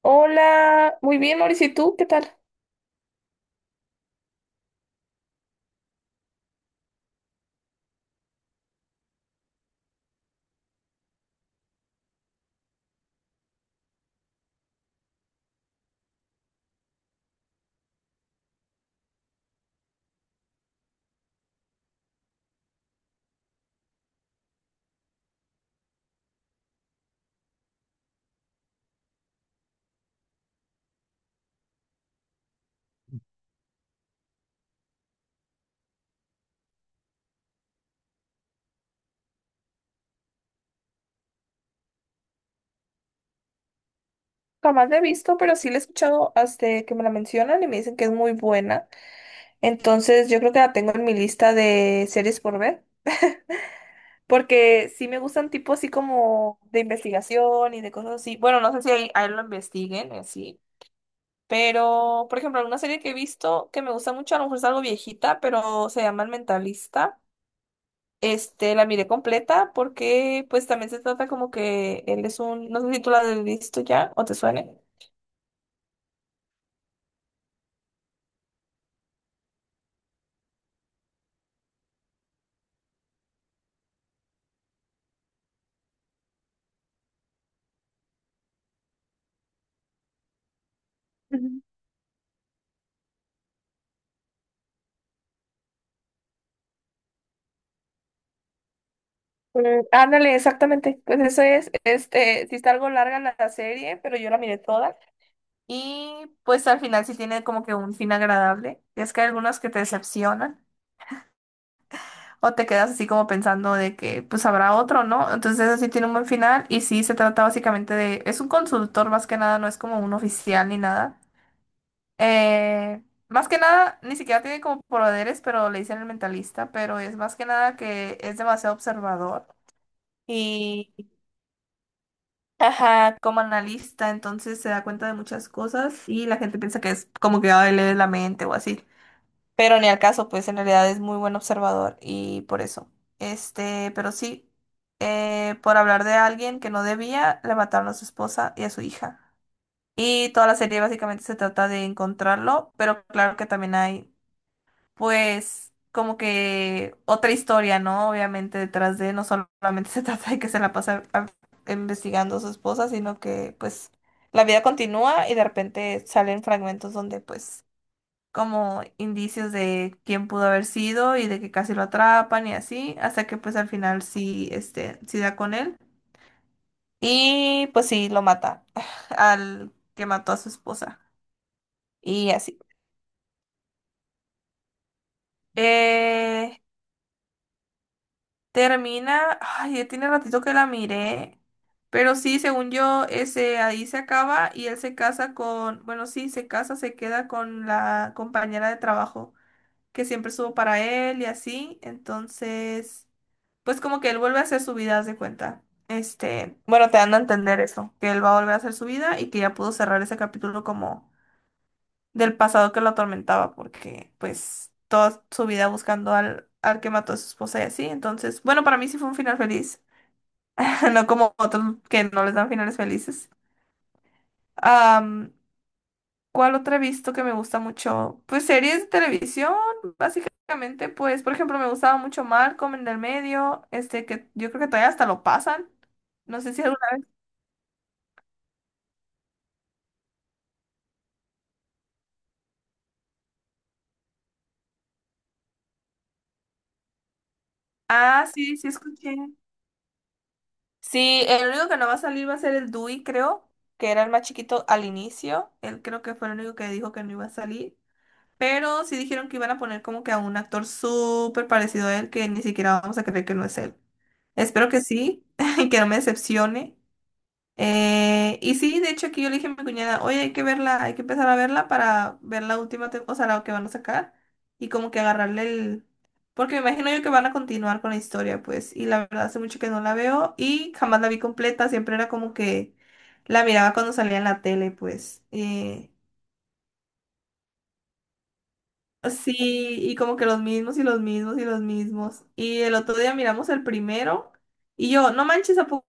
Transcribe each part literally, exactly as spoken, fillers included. Hola, muy bien, Mauricio, ¿y tú qué tal? Jamás la he visto, pero sí la he escuchado hasta que me la mencionan y me dicen que es muy buena. Entonces, yo creo que la tengo en mi lista de series por ver, porque sí me gustan tipo así como de investigación y de cosas así. Bueno, no sé si ahí, ahí lo investiguen, así. Pero, por ejemplo, una serie que he visto que me gusta mucho, a lo mejor es algo viejita, pero se llama El Mentalista. Este, la miré completa porque pues también se trata como que él es un, no sé si tú la has visto ya o te suene. Ujú. Mm, ándale, exactamente. Pues eso es, este, sí está algo larga la la serie, pero yo la miré toda. Y pues al final sí tiene como que un fin agradable. Es que hay algunas que te decepcionan o te quedas así como pensando de que pues habrá otro, ¿no? Entonces así tiene un buen final y sí se trata básicamente de, es un consultor más que nada, no es como un oficial ni nada. Eh, más que nada, ni siquiera tiene como poderes, pero le dicen el mentalista, pero es más que nada que es demasiado observador y, ajá, como analista, entonces se da cuenta de muchas cosas y la gente piensa que es como que ay, lee la mente o así, pero ni al caso, pues en realidad es muy buen observador y por eso. Este, pero sí, eh, por hablar de alguien que no debía, le mataron a su esposa y a su hija. Y toda la serie básicamente se trata de encontrarlo, pero claro que también hay pues como que otra historia, ¿no? Obviamente detrás de, no solamente se trata de que se la pasa a- investigando a su esposa, sino que pues la vida continúa y de repente salen fragmentos donde pues como indicios de quién pudo haber sido y de que casi lo atrapan y así, hasta que pues al final sí, este, sí da con él y pues sí lo mata al que mató a su esposa y así. Eh, Termina, ay, ya tiene ratito que la miré, pero sí, según yo, ese ahí se acaba y él se casa con, bueno, sí, se casa, se queda con la compañera de trabajo que siempre estuvo para él y así, entonces, pues como que él vuelve a hacer su vida, haz de cuenta. Este, bueno, te dan a entender eso, que él va a volver a hacer su vida y que ya pudo cerrar ese capítulo como del pasado que lo atormentaba, porque pues toda su vida buscando al, al que mató a su esposa y así. Entonces, bueno, para mí sí fue un final feliz, no como otros que no les dan finales felices. Am, ¿Cuál otra he visto que me gusta mucho? Pues series de televisión, básicamente, pues, por ejemplo, me gustaba mucho Malcolm en el Medio, este que yo creo que todavía hasta lo pasan. No sé si alguna vez. Ah, sí, sí escuché. Sí, el único que no va a salir va a ser el Dewey, creo, que era el más chiquito al inicio. Él creo que fue el único que dijo que no iba a salir. Pero sí dijeron que iban a poner como que a un actor súper parecido a él, que ni siquiera vamos a creer que no es él. Espero que sí, que no me decepcione. Eh, y sí, de hecho aquí yo le dije a mi cuñada, oye, hay que verla, hay que empezar a verla para ver la última, tem- o sea, la que van a sacar y como que agarrarle el... Porque me imagino yo que van a continuar con la historia, pues, y la verdad hace mucho que no la veo y jamás la vi completa, siempre era como que la miraba cuando salía en la tele, pues. Eh, sí, y como que los mismos y los mismos y los mismos. Y el otro día miramos el primero y yo, no manches, tampoco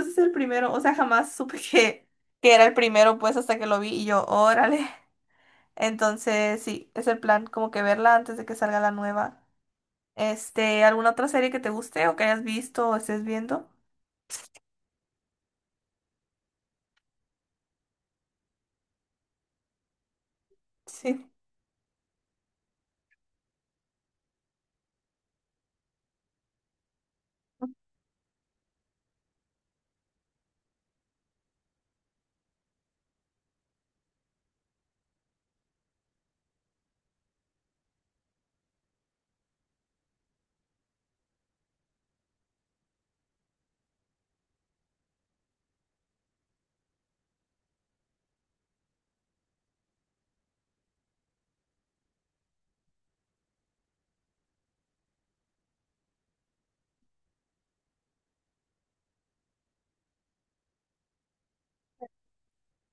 ese es el primero, o sea, jamás supe que, que era el primero, pues hasta que lo vi y yo, órale. Entonces, sí, es el plan, como que verla antes de que salga la nueva. Este, ¿alguna otra serie que te guste o que hayas visto o estés viendo? Sí.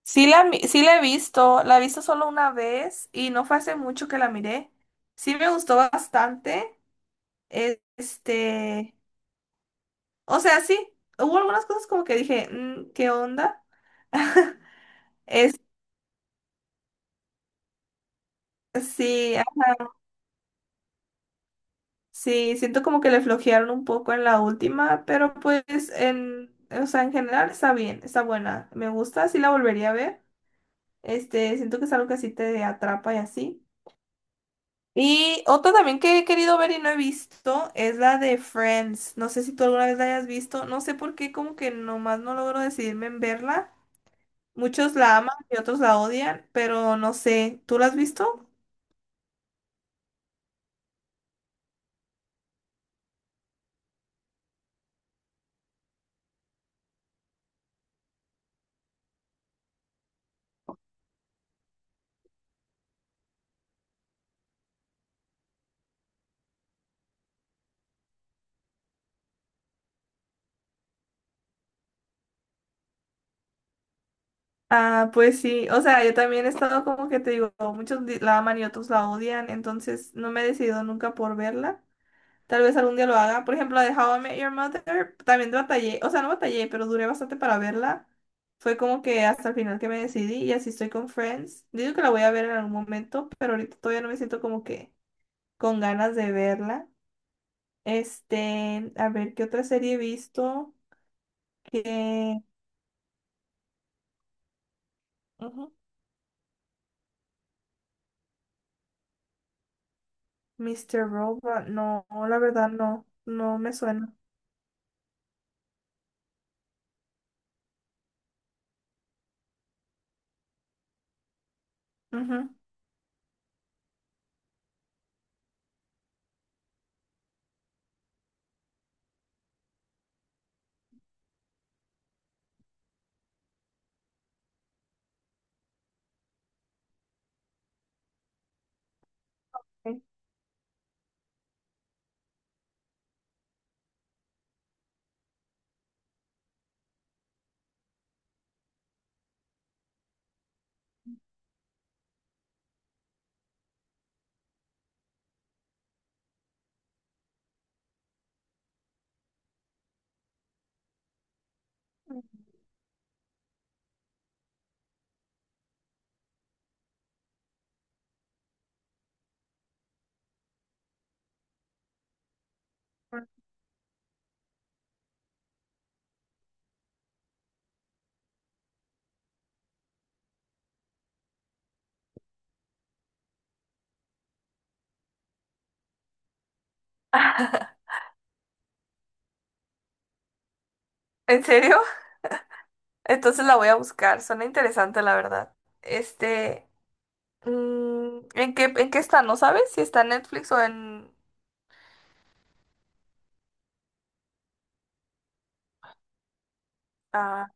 Sí la, mi- sí la he visto, la he visto solo una vez y no fue hace mucho que la miré. Sí me gustó bastante. e- Este, o sea, sí, hubo algunas cosas como que dije, "Mm, ¿qué onda?" Es, sí, sí, siento como que le flojearon un poco en la última, pero pues en, o sea, en general está bien, está buena. Me gusta, sí la volvería a ver. Este, siento que es algo que sí te atrapa y así. Y otra también que he querido ver y no he visto es la de Friends. No sé si tú alguna vez la hayas visto. No sé por qué, como que nomás no logro decidirme en verla. Muchos la aman y otros la odian, pero no sé. ¿Tú la has visto? Ah, pues sí, o sea, yo también he estado como que te digo, muchos di- la aman y otros la odian, entonces no me he decidido nunca por verla. Tal vez algún día lo haga. Por ejemplo, la de How I Met Your Mother, también batallé, o sea, no batallé, pero duré bastante para verla. Fue como que hasta el final que me decidí y así estoy con Friends. Digo que la voy a ver en algún momento, pero ahorita todavía no me siento como que con ganas de verla. Este, a ver, ¿qué otra serie he visto? Que... mister Robot, no, la verdad no, no me suena. Ujú. Sí. ¿En serio? Entonces la voy a buscar. Suena interesante, la verdad. Este, mm, ¿en qué, en qué está? ¿No sabes si está en Netflix o en... Ah,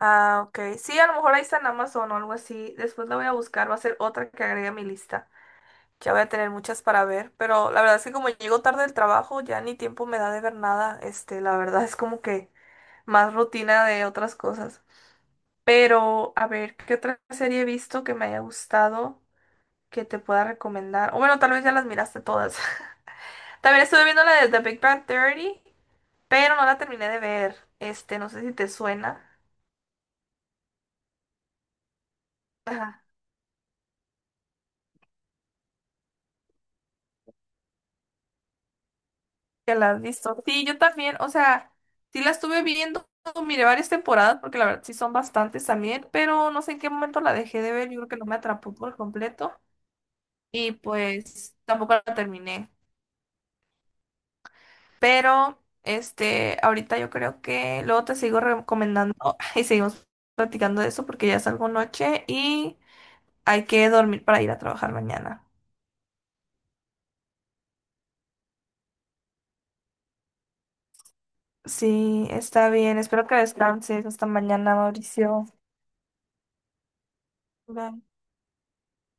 ah, ok. Sí, a lo mejor ahí está en Amazon o algo así. Después la voy a buscar. Va a ser otra que agregue a mi lista. Ya voy a tener muchas para ver. Pero la verdad es que como llego tarde del trabajo, ya ni tiempo me da de ver nada. Este, la verdad es como que más rutina de otras cosas. Pero, a ver, ¿qué otra serie he visto que me haya gustado que te pueda recomendar? O bueno, tal vez ya las miraste todas. También estuve viendo la de The Big Bang Theory, pero no la terminé de ver. Este, no sé si te suena. Ajá. ¿Que la has visto? Sí, yo también. O sea, sí la estuve viendo, miré varias temporadas, porque la verdad sí son bastantes también, pero no sé en qué momento la dejé de ver. Yo creo que no me atrapó por completo. Y pues tampoco la terminé. Pero, este, ahorita yo creo que luego te sigo recomendando y seguimos platicando de eso porque ya salgo noche y hay que dormir para ir a trabajar mañana. Sí, está bien. Espero que descanses. Hasta mañana, Mauricio. Bye.